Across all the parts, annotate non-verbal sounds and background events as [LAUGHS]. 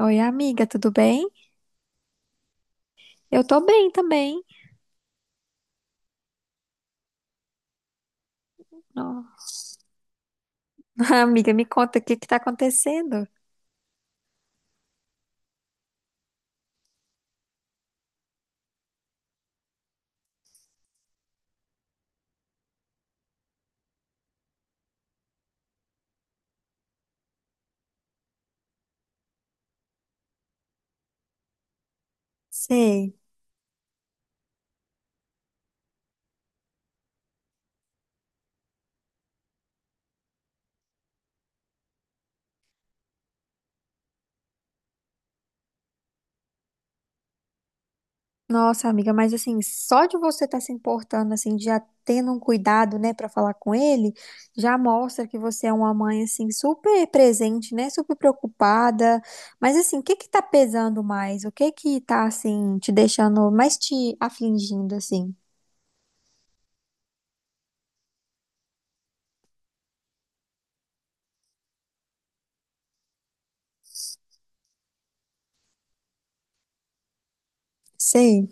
Oi, amiga, tudo bem? Eu tô bem também. Nó- [LAUGHS] Amiga, me conta o que que tá acontecendo? Sei. Nossa, amiga, mas assim, só de você estar se importando, assim, de já tendo um cuidado, né, pra falar com ele, já mostra que você é uma mãe, assim, super presente, né, super preocupada. Mas assim, o que que tá pesando mais? O que que tá, assim, te deixando mais te afligindo, assim? Sei.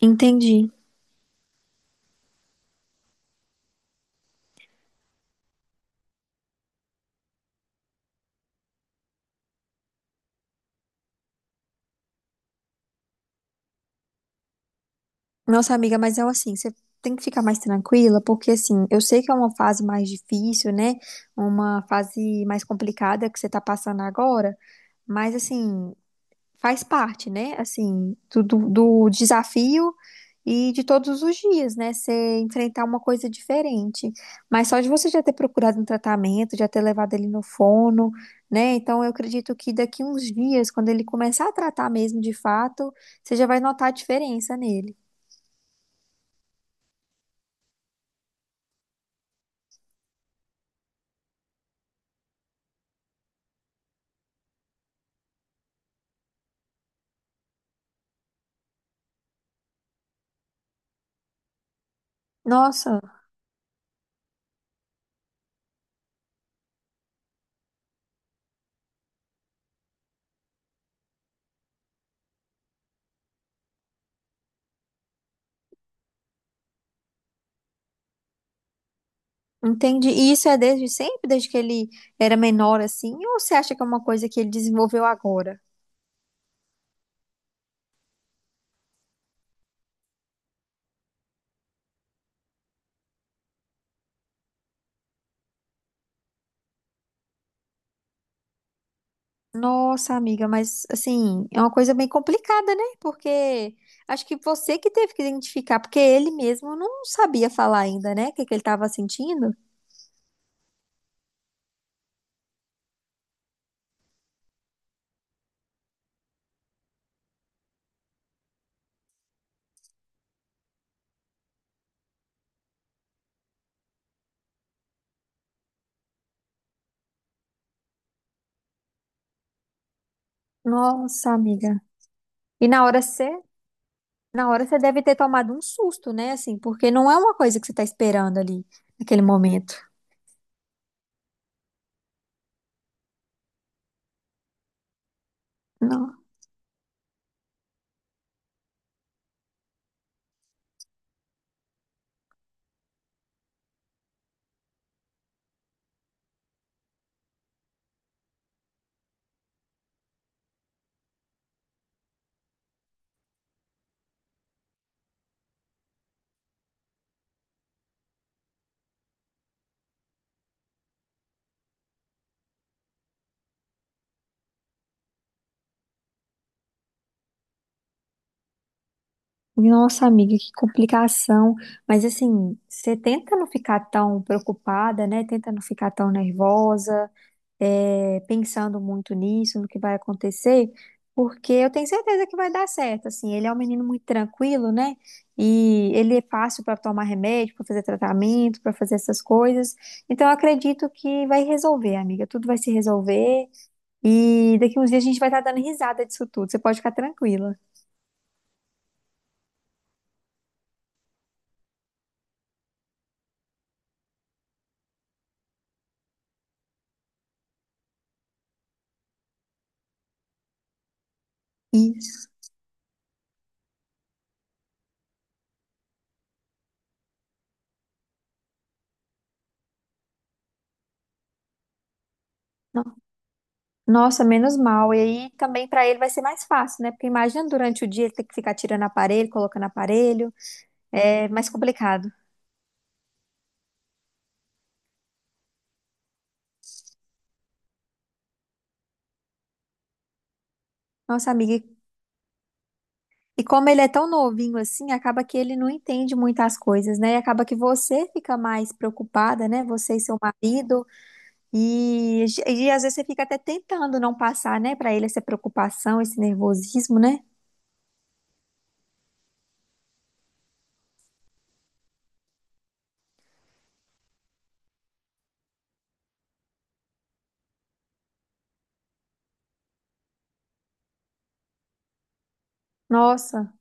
Entendi. Nossa, amiga, mas eu assim, você tem que ficar mais tranquila, porque assim, eu sei que é uma fase mais difícil, né? Uma fase mais complicada que você tá passando agora, mas assim, faz parte, né? Assim, do desafio e de todos os dias, né? Você enfrentar uma coisa diferente. Mas só de você já ter procurado um tratamento, já ter levado ele no fono, né? Então eu acredito que daqui uns dias, quando ele começar a tratar mesmo de fato, você já vai notar a diferença nele. Nossa, entendi. E isso é desde sempre, desde que ele era menor assim, ou você acha que é uma coisa que ele desenvolveu agora? Nossa, amiga, mas assim, é uma coisa bem complicada, né? Porque acho que você que teve que identificar, porque ele mesmo não sabia falar ainda, né? O que que ele estava sentindo? Nossa, amiga. E na hora você deve ter tomado um susto, né? Assim, porque não é uma coisa que você está esperando ali naquele momento. Não. Nossa, amiga, que complicação. Mas assim, você tenta não ficar tão preocupada, né? Tenta não ficar tão nervosa, é, pensando muito nisso, no que vai acontecer, porque eu tenho certeza que vai dar certo. Assim, ele é um menino muito tranquilo, né? E ele é fácil para tomar remédio, para fazer tratamento, para fazer essas coisas. Então, eu acredito que vai resolver, amiga. Tudo vai se resolver. E daqui uns dias a gente vai estar dando risada disso tudo. Você pode ficar tranquila. Isso. Nossa, menos mal. E aí também para ele vai ser mais fácil, né? Porque imagina durante o dia ele ter que ficar tirando aparelho, colocando aparelho. É mais complicado. Nossa, amiga. E como ele é tão novinho assim, acaba que ele não entende muitas coisas, né? E acaba que você fica mais preocupada, né? Você e seu marido. E às vezes você fica até tentando não passar, né, para ele essa preocupação, esse nervosismo, né? Nossa.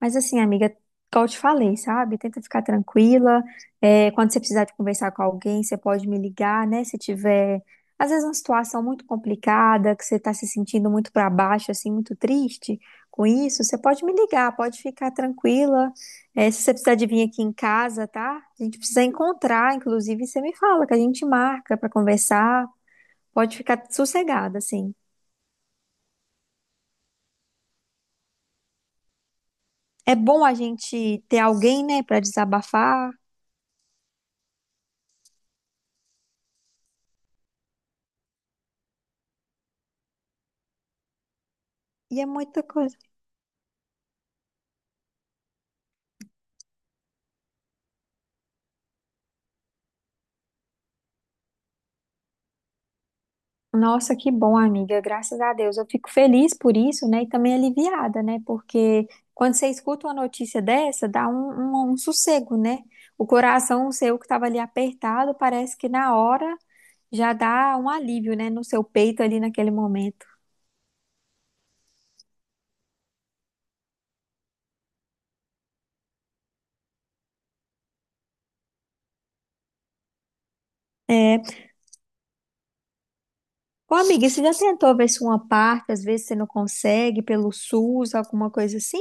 Mas assim, amiga, como eu te falei, sabe? Tenta ficar tranquila. É, quando você precisar de conversar com alguém, você pode me ligar, né? Se tiver, às vezes, uma situação muito complicada, que você está se sentindo muito para baixo, assim, muito triste com isso, você pode me ligar, pode ficar tranquila. É, se você precisar de vir aqui em casa, tá? A gente precisa encontrar, inclusive, você me fala que a gente marca para conversar. Pode ficar sossegada, assim. É bom a gente ter alguém, né, para desabafar. E é muita coisa. Nossa, que bom, amiga. Graças a Deus. Eu fico feliz por isso, né? E também aliviada, né? Porque quando você escuta uma notícia dessa, dá um sossego, né? O coração seu que estava ali apertado, parece que na hora já dá um alívio, né? No seu peito ali naquele momento. É. Ô, amiga, você já tentou ver se uma parte, às vezes você não consegue, pelo SUS, alguma coisa assim?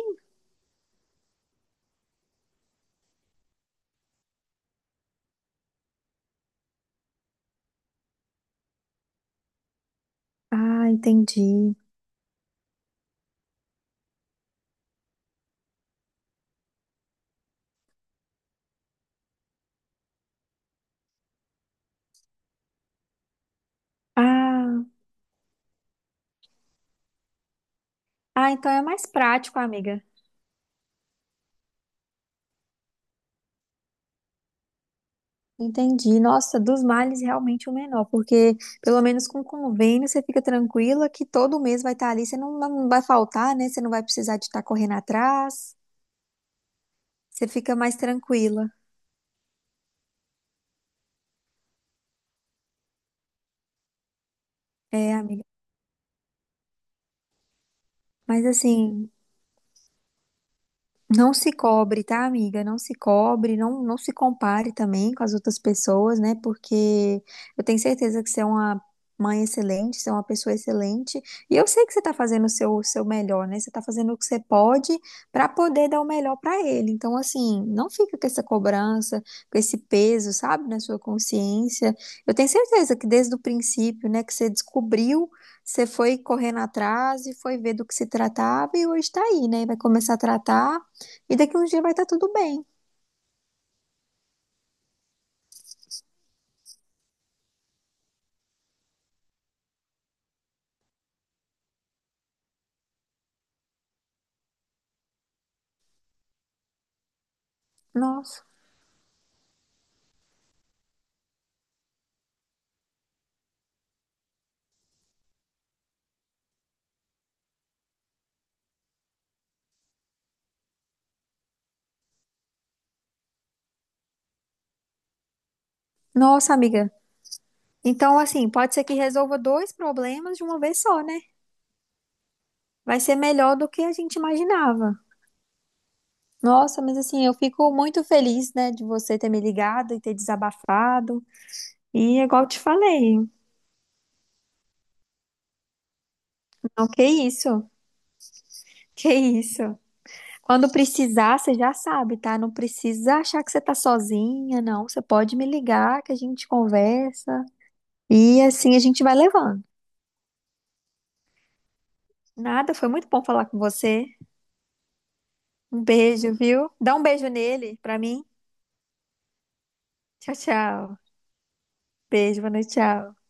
Ah, entendi. Ah, ah, então é mais prático, amiga. Entendi. Nossa, dos males realmente o menor, porque pelo menos com convênio você fica tranquila que todo mês vai estar ali, você não vai faltar, né? Você não vai precisar de estar correndo atrás, você fica mais tranquila. É, amiga. Mas assim, não se cobre, tá, amiga? Não se cobre, não, não se compare também com as outras pessoas, né? Porque eu tenho certeza que você é uma mãe excelente, você é uma pessoa excelente, e eu sei que você tá fazendo o seu melhor, né? Você tá fazendo o que você pode pra poder dar o melhor pra ele. Então, assim, não fica com essa cobrança, com esse peso, sabe, na sua consciência. Eu tenho certeza que desde o princípio, né, que você descobriu você foi correndo atrás e foi ver do que se tratava e hoje tá aí, né? Vai começar a tratar e daqui uns dias vai estar tudo bem. Nossa. Nossa, amiga. Então, assim, pode ser que resolva dois problemas de uma vez só, né? Vai ser melhor do que a gente imaginava. Nossa, mas assim, eu fico muito feliz, né, de você ter me ligado e ter desabafado. E é igual eu te falei, não, que isso, que isso. Quando precisar, você já sabe, tá? Não precisa achar que você tá sozinha, não. Você pode me ligar que a gente conversa. E assim a gente vai levando. Nada, foi muito bom falar com você. Um beijo, viu? Dá um beijo nele pra mim. Tchau, tchau. Beijo, boa noite, tchau.